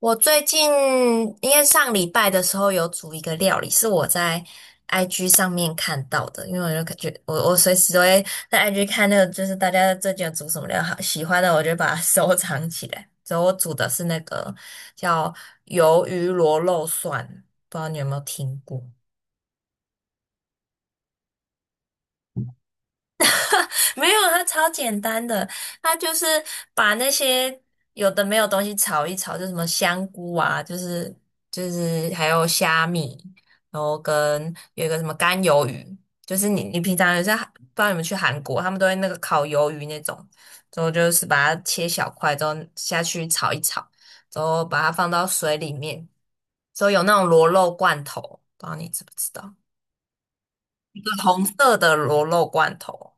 我最近因为上礼拜的时候有煮一个料理，是我在 IG 上面看到的，因为我就感觉我随时都会在 IG 看那个，就是大家最近有煮什么料好，喜欢的我就把它 收藏起来。所以我煮的是那个叫鱿鱼螺肉蒜，不知道你有没有听过？没有，它超简单的，它就是把那些有的没有东西炒一炒，就什么香菇啊，就是还有虾米，然后跟有一个什么干鱿鱼，就是你平常有在不知道你们去韩国，他们都会那个烤鱿鱼那种，之后就是把它切小块，之后下去炒一炒，之后把它放到水里面，之后有那种螺肉罐头，不知道你知不知道，一个红色的螺肉罐头。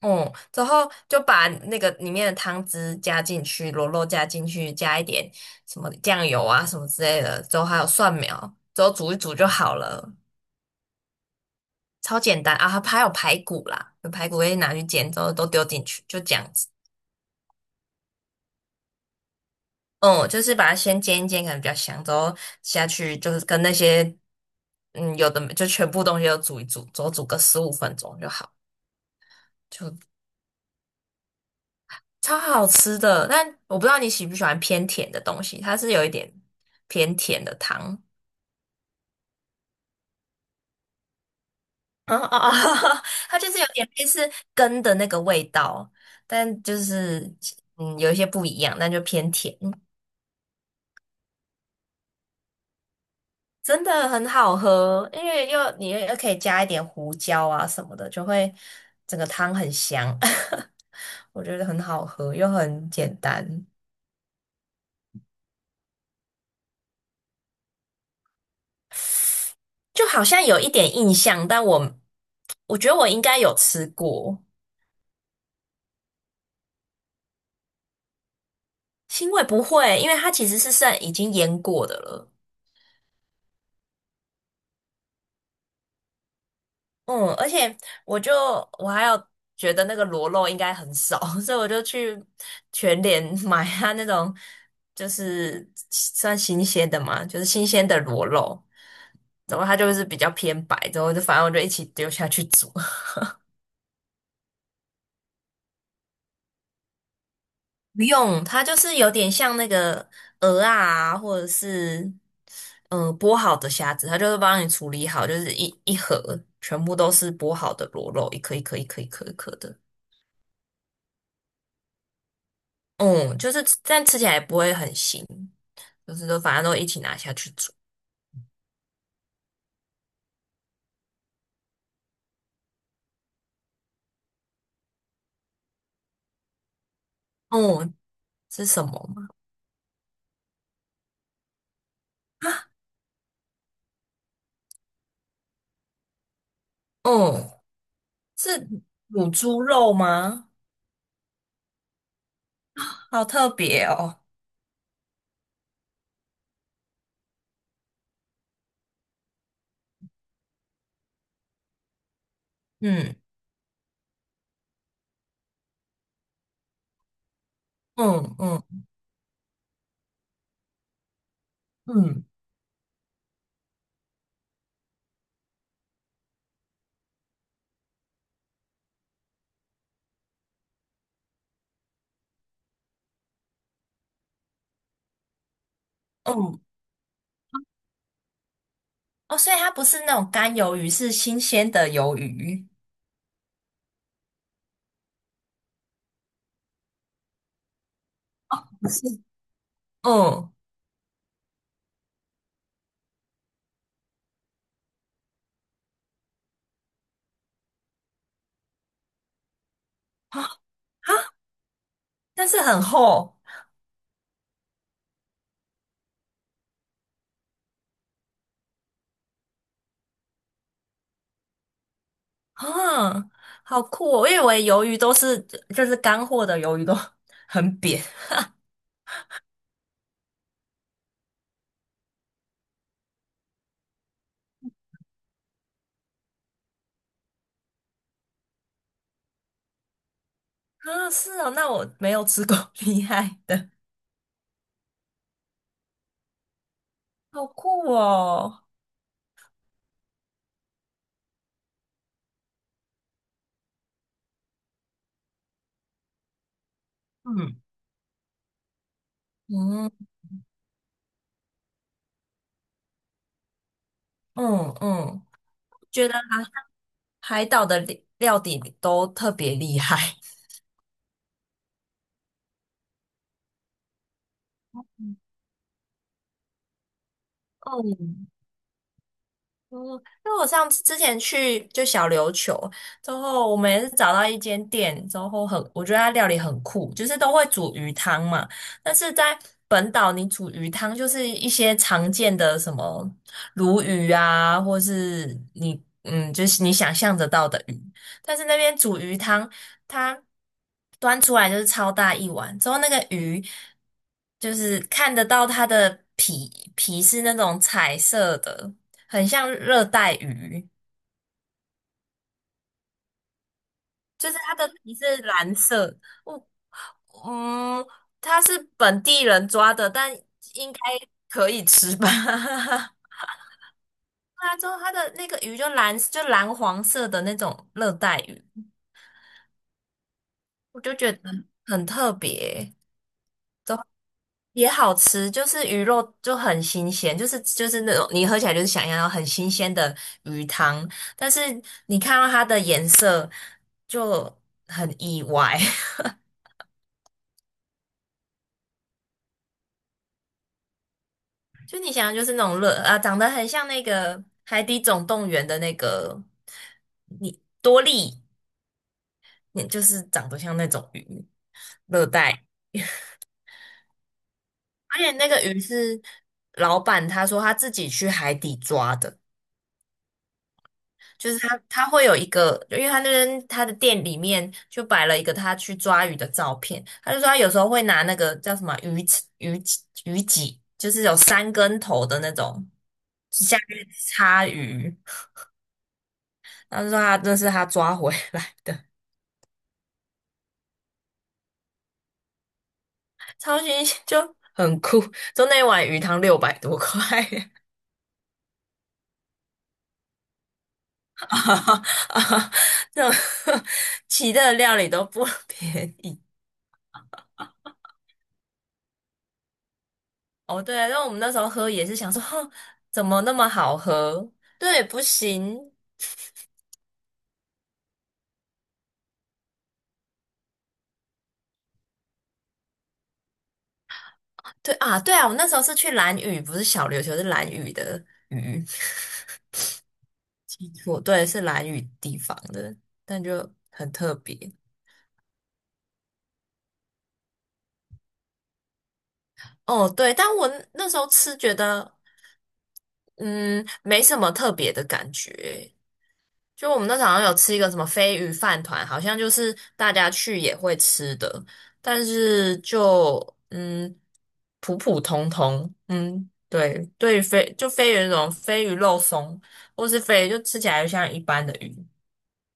嗯，之后就把那个里面的汤汁加进去，螺肉加进去，加一点什么酱油啊什么之类的，之后还有蒜苗，之后煮一煮就好了，超简单啊！还有排骨啦，有排骨可以拿去煎，之后都丢进去，就这样子。嗯，就是把它先煎一煎，可能比较香，之后下去就是跟那些有的没就全部东西都煮一煮，之后煮个十五分钟就好，就超好吃的，但我不知道你喜不喜欢偏甜的东西，它是有一点偏甜的汤，啊啊啊，它就是有点类似根的那个味道，但就是有一些不一样，但就偏甜，真的很好喝，因为又你又可以加一点胡椒啊什么的，就会整个汤很香，我觉得很好喝又很简单，就好像有一点印象，但我觉得我应该有吃过。腥味不会，因为它其实是剩已经腌过的了。嗯，而且我就我还有觉得那个螺肉应该很少，所以我就去全联 买它那种就是算新鲜的嘛，就是新鲜的螺肉。然后它就是比较偏白，之后就反正我就一起丢下去煮。不用，它就是有点像那个鹅啊，或者是剥好的虾子，它就是帮你处理好，就是一盒全部都是剥好的螺肉，一颗一颗一颗一颗一颗的。嗯，就是但吃起来不会很腥，就是都反正都一起拿下去煮。嗯，是什么吗？嗯，是卤猪肉吗？好特别哦。嗯嗯嗯嗯嗯，哦，所以它不是那种干鱿鱼，是新鲜的鱿鱼。不是。嗯啊啊，但是很厚啊，好酷哦！因为我以为鱿鱼都是就是干货的鱿鱼都 很扁啊，是哦，那我没有吃过 厉害的，好酷哦！嗯嗯嗯嗯，觉得海岛的料底都特别厉害。嗯，因为我上次之前去就小琉球之后，我们也是找到一间店之后很，我觉得它料理很酷，就是都会煮鱼汤嘛。但是在本岛，你煮鱼汤就是一些常见的什么鲈鱼啊，或是你，就是你想象得到的鱼。但是那边煮鱼汤，它端出来就是超大一碗，之后那个鱼就是看得到它的皮是那种彩色的。很像热带鱼，就是它的皮是蓝色。我嗯，它是本地人抓的，但应该可以吃吧？对啊，之后它的那个鱼就蓝，就蓝黄色的那种热带鱼，我就觉得很特别，也好吃，就是鱼肉就很新鲜，就是就是那种你喝起来就是想要很新鲜的鱼汤，但是你看到它的颜色就很意外。就你想的就是那种乐啊，长得很像那个《海底总动员》的那个你多利，你就是长得像那种鱼，热带。而且那个鱼是老板他说他自己去海底抓的，就是他会有一个，因为他那边他的店里面就摆了一个他去抓鱼的照片，他就说他有时候会拿那个叫什么鱼脊，就是有三根头的那种下面插鱼。他就说他这是他抓回来的，超新鲜，就很酷。就那碗鱼汤六百多块，啊啊，这种 其他的料理都不便宜。哦，对啊，然后我们那时候喝也是想说，哼怎么那么好喝？对，不行，对啊，对啊，我那时候是去蓝屿，不是小琉球，是蓝屿的屿，记错，对，是蓝屿地方的，但就很特别。哦，对，但我那时候吃觉得。嗯，没什么特别的感觉。就我们那时候好像有吃一个什么飞鱼饭团，好像就是大家去也会吃的，但是就嗯普普通通，嗯，对，对于飞鱼那种飞鱼肉松，或是飞鱼就吃起来就像一般的鱼，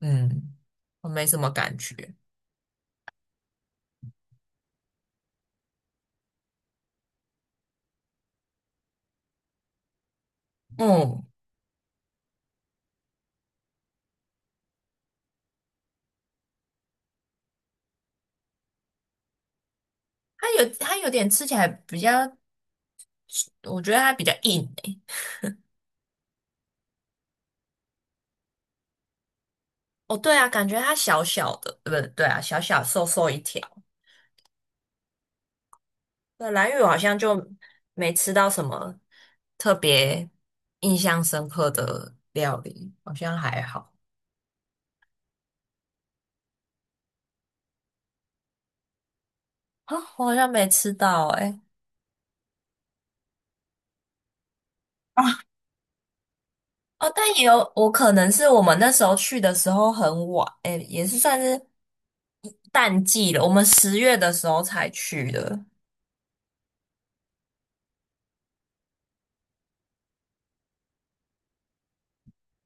嗯，我没什么感觉。嗯，它有它有点吃起来比较，我觉得它比较硬诶。哦，对啊，感觉它小小的，对不对？对啊，小小瘦瘦一条。对，蓝屿我好像就没吃到什么特别印象深刻的料理，好像还好啊，我好像没吃到诶、欸哦，但也有我可能是我们那时候去的时候很晚，哎，也是算是淡季了，我们十月的时候才去的，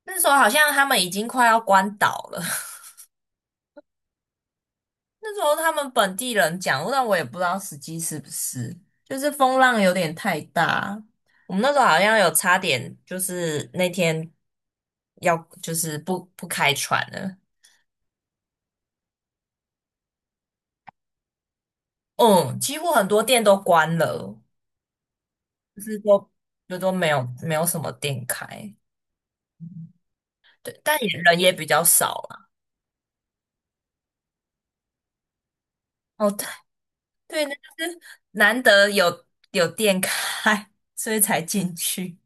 那时候好像他们已经快要关岛了。那时候他们本地人讲，但我也不知道实际是不是，就是风浪有点太大。我们那时候好像有差点，就是那天要就是不开船了。嗯，几乎很多店都关了，就是都就都没有什么店开。对，但也人也比较少了。哦，对对，那就是难得有店开，所以才进去。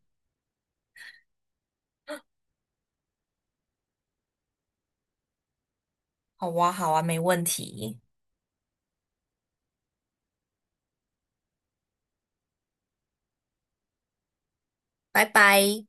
好哇，好啊，没问题，拜拜。